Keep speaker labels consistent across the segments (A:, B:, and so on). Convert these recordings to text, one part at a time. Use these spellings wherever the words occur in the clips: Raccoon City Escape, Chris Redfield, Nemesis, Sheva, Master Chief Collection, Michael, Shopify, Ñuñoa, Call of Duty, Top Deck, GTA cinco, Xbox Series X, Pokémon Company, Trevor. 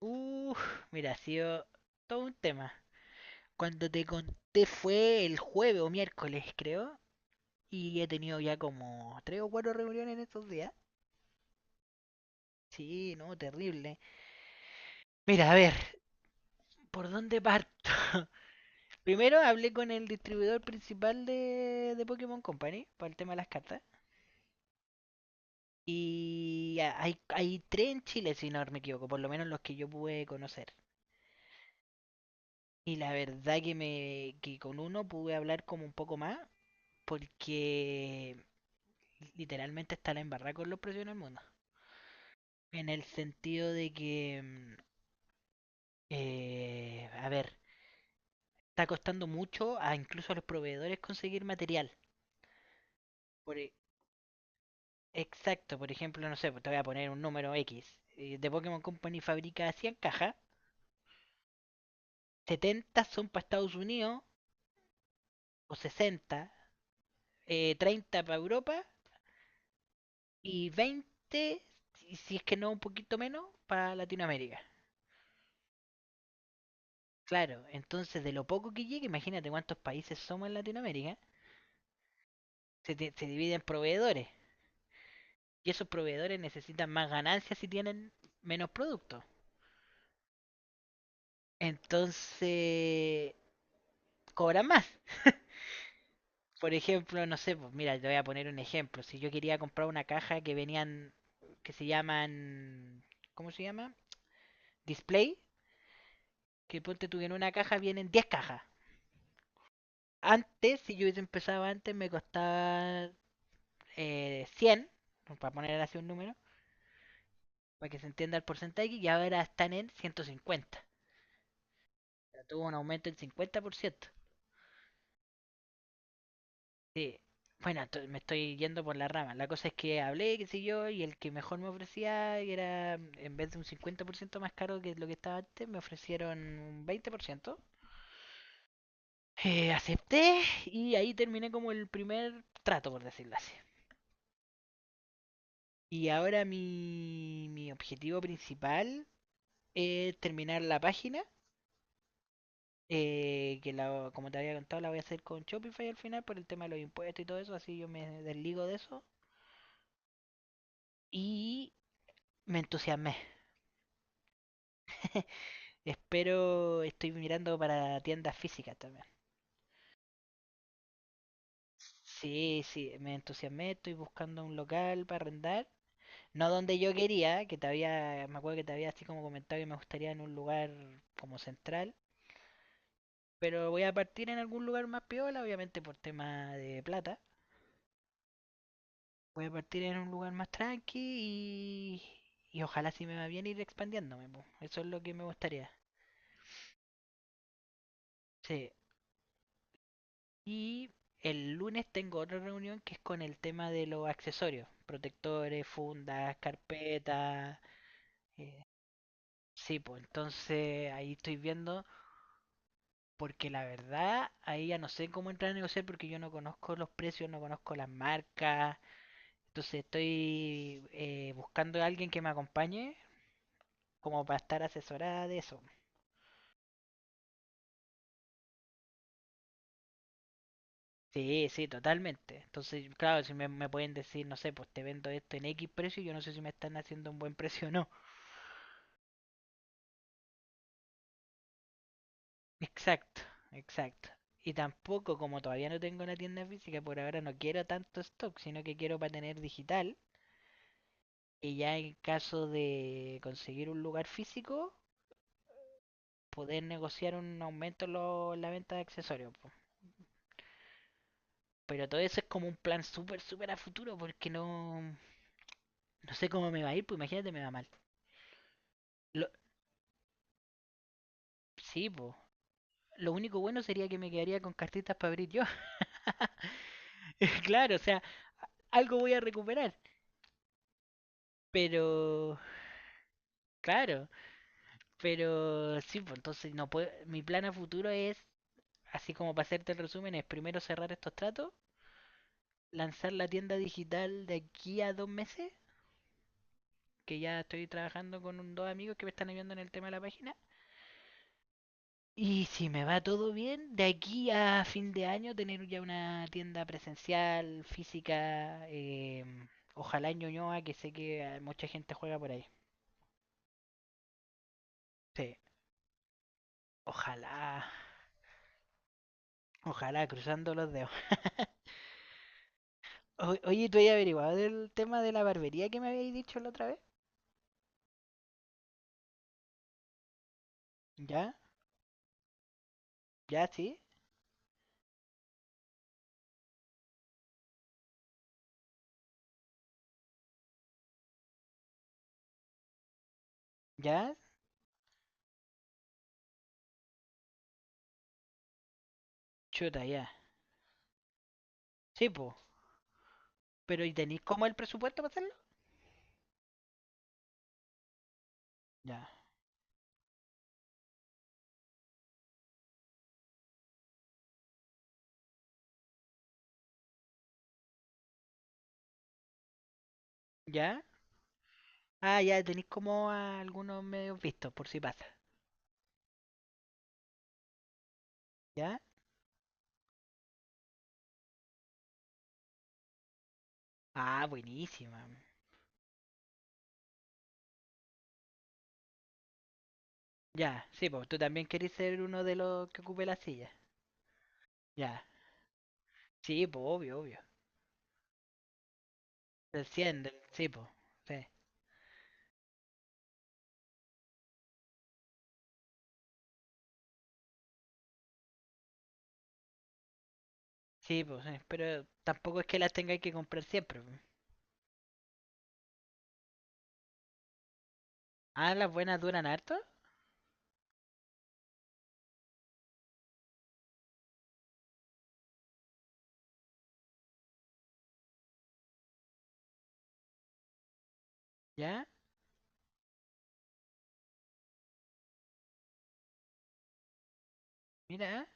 A: Uf, mira, ha sido todo un tema. Cuando te conté fue el jueves o miércoles, creo. Y he tenido ya como tres o cuatro reuniones en estos días. Sí, no, terrible. Mira, a ver, ¿por dónde parto? Primero hablé con el distribuidor principal de Pokémon Company para el tema de las cartas. Y hay tres en Chile, si no me equivoco, por lo menos los que yo pude conocer. Y la verdad que me que con uno pude hablar como un poco más porque literalmente está la embarrada con los precios en el mundo. En el sentido de que, a ver, está costando mucho a incluso a los proveedores conseguir material. Por, e- exacto, por ejemplo, no sé, pues te voy a poner un número X. De Pokémon Company fabrica 100 cajas, 70 son para Estados Unidos, o 60, 30 para Europa y 20, si es que no un poquito menos, para Latinoamérica. Claro, entonces de lo poco que llega, imagínate cuántos países somos en Latinoamérica. Se divide en proveedores. Y esos proveedores necesitan más ganancias si tienen menos productos. Entonces, cobran más. Por ejemplo, no sé, pues mira, te voy a poner un ejemplo. Si yo quería comprar una caja que venían, que se llaman, ¿cómo se llama? Display, que ponte tú que en una caja vienen 10 cajas. Antes, si yo hubiese empezado antes, me costaba 100, para poner así un número, para que se entienda el porcentaje, y ahora están en 150, tuvo un aumento del 50%. Sí. Bueno, me estoy yendo por la rama. La cosa es que hablé, qué sé yo, y el que mejor me ofrecía era, en vez de un 50% más caro que lo que estaba antes, me ofrecieron un 20%. Acepté y ahí terminé como el primer trato, por decirlo así. Y ahora mi objetivo principal es terminar la página, como te había contado la voy a hacer con Shopify al final por el tema de los impuestos y todo eso, así yo me desligo de eso. Y me entusiasmé. Espero, estoy mirando para tiendas físicas también. Sí, sí, me entusiasmé, estoy buscando un local para arrendar. No donde yo quería, que te había, me acuerdo que te había así como comentado que me gustaría en un lugar como central. Pero voy a partir en algún lugar más piola, obviamente por tema de plata. Voy a partir en un lugar más tranqui y ojalá si me va bien ir expandiéndome, po. Eso es lo que me gustaría. Sí. Y el lunes tengo otra reunión que es con el tema de los accesorios, protectores, fundas, carpetas. Sí, pues entonces ahí estoy viendo, porque la verdad ahí ya no sé cómo entrar a negociar porque yo no conozco los precios, no conozco las marcas. Entonces estoy buscando a alguien que me acompañe como para estar asesorada de eso. Sí, sí, totalmente. Entonces, claro, si me pueden decir, no sé, pues te vendo esto en X precio, yo no sé si me están haciendo un buen precio o no. Exacto, exacto. Y tampoco, como todavía no tengo una tienda física, por ahora no quiero tanto stock, sino que quiero para tener digital. Y ya en caso de conseguir un lugar físico, poder negociar un aumento en en la venta de accesorios, po. Pero todo eso es como un plan súper, súper a futuro, porque no, no sé cómo me va a ir, pues imagínate, me va mal. Lo, sí, pues. Lo único bueno sería que me quedaría con cartitas para abrir yo. Claro, o sea, algo voy a recuperar. Pero, claro. Pero sí, pues entonces no puedo. Mi plan a futuro es, así como para hacerte el resumen, es primero cerrar estos tratos, lanzar la tienda digital de aquí a 2 meses, que ya estoy trabajando con dos amigos que me están ayudando en el tema de la página. Y si me va todo bien, de aquí a fin de año tener ya una tienda presencial, física, ojalá en Ñuñoa, que sé que mucha gente juega por ahí. Sí, ojalá, ojalá, cruzando los dedos. Oye, ¿tú has averiguado del tema de la barbería que me habéis dicho la otra vez? ¿Ya? ¿Ya, sí? ¿Ya? Chuta, ya. Sí, po. Pero ¿y tenéis como el presupuesto para hacerlo? Ya. ¿Ya? Ah, ya, tenéis como a algunos medios vistos, por si pasa. ¿Ya? Ah, buenísima. Ya, sí, po. Tú también querés ser uno de los que ocupe la silla. Ya. Sí, po, obvio, obvio. Del 100, del... Sí, po. Sí. Sí, po, sí. Pero tampoco es que las tengáis que comprar siempre, po. Ah, las buenas duran harto. ¿Ya? Mira.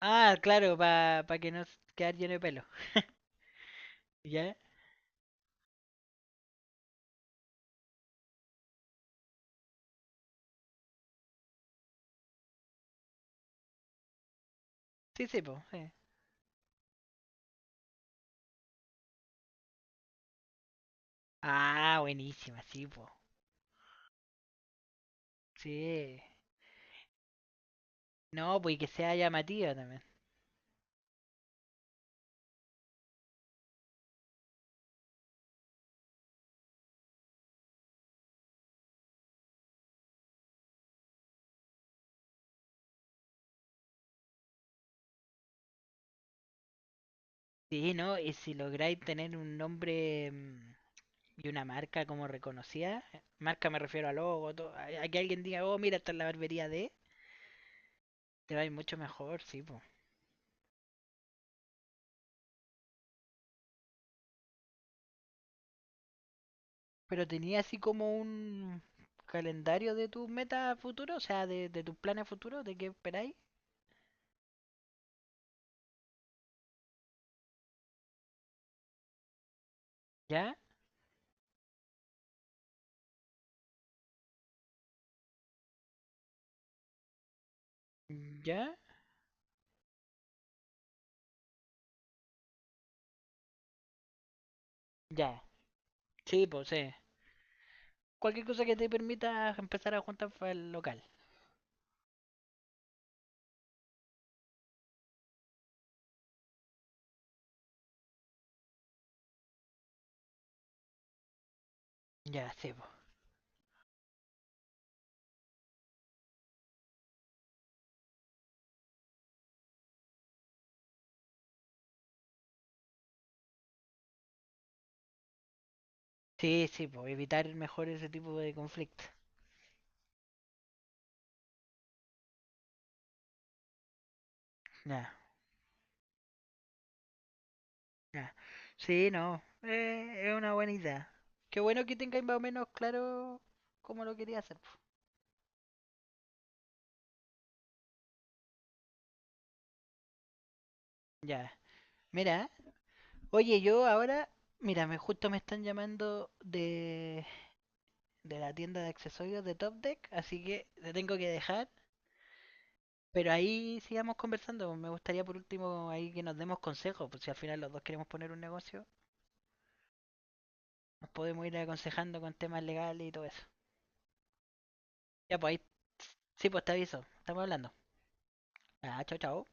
A: Ah, claro, para que no quedar lleno de pelo. ¿Ya? Sí, sí, po, sí. Ah, buenísima, sí, po. Sí. No, pues y que sea llamativa también. Sí, no, y si lográis tener un nombre, y una marca como reconocida, marca me refiero a logo, todo, a que alguien diga, oh, mira, esta es la barbería de, te va a ir mucho mejor, sí, po. Pero tenía así como un calendario de tus metas futuros, o sea, de tus planes futuros, de qué esperáis. ¿Ya? ¿Ya? Ya. Sí, pues sí. Cualquier cosa que te permita empezar a juntar para el local. Ya, sí, pues. Sí, sí, pues evitar mejor ese tipo de conflicto. Ya, ya. Sí, no. Es una buena idea. Qué bueno que tengáis más o menos claro cómo lo quería hacer, po. Ya. Mira, oye, yo ahora, mira, me justo me están llamando de la tienda de accesorios de Top Deck, así que te tengo que dejar. Pero ahí sigamos conversando. Me gustaría por último ahí que nos demos consejos, pues si al final los dos queremos poner un negocio, nos podemos ir aconsejando con temas legales y todo eso. Ya, pues ahí. Sí, pues te aviso. Estamos hablando. Ah, chao, chao.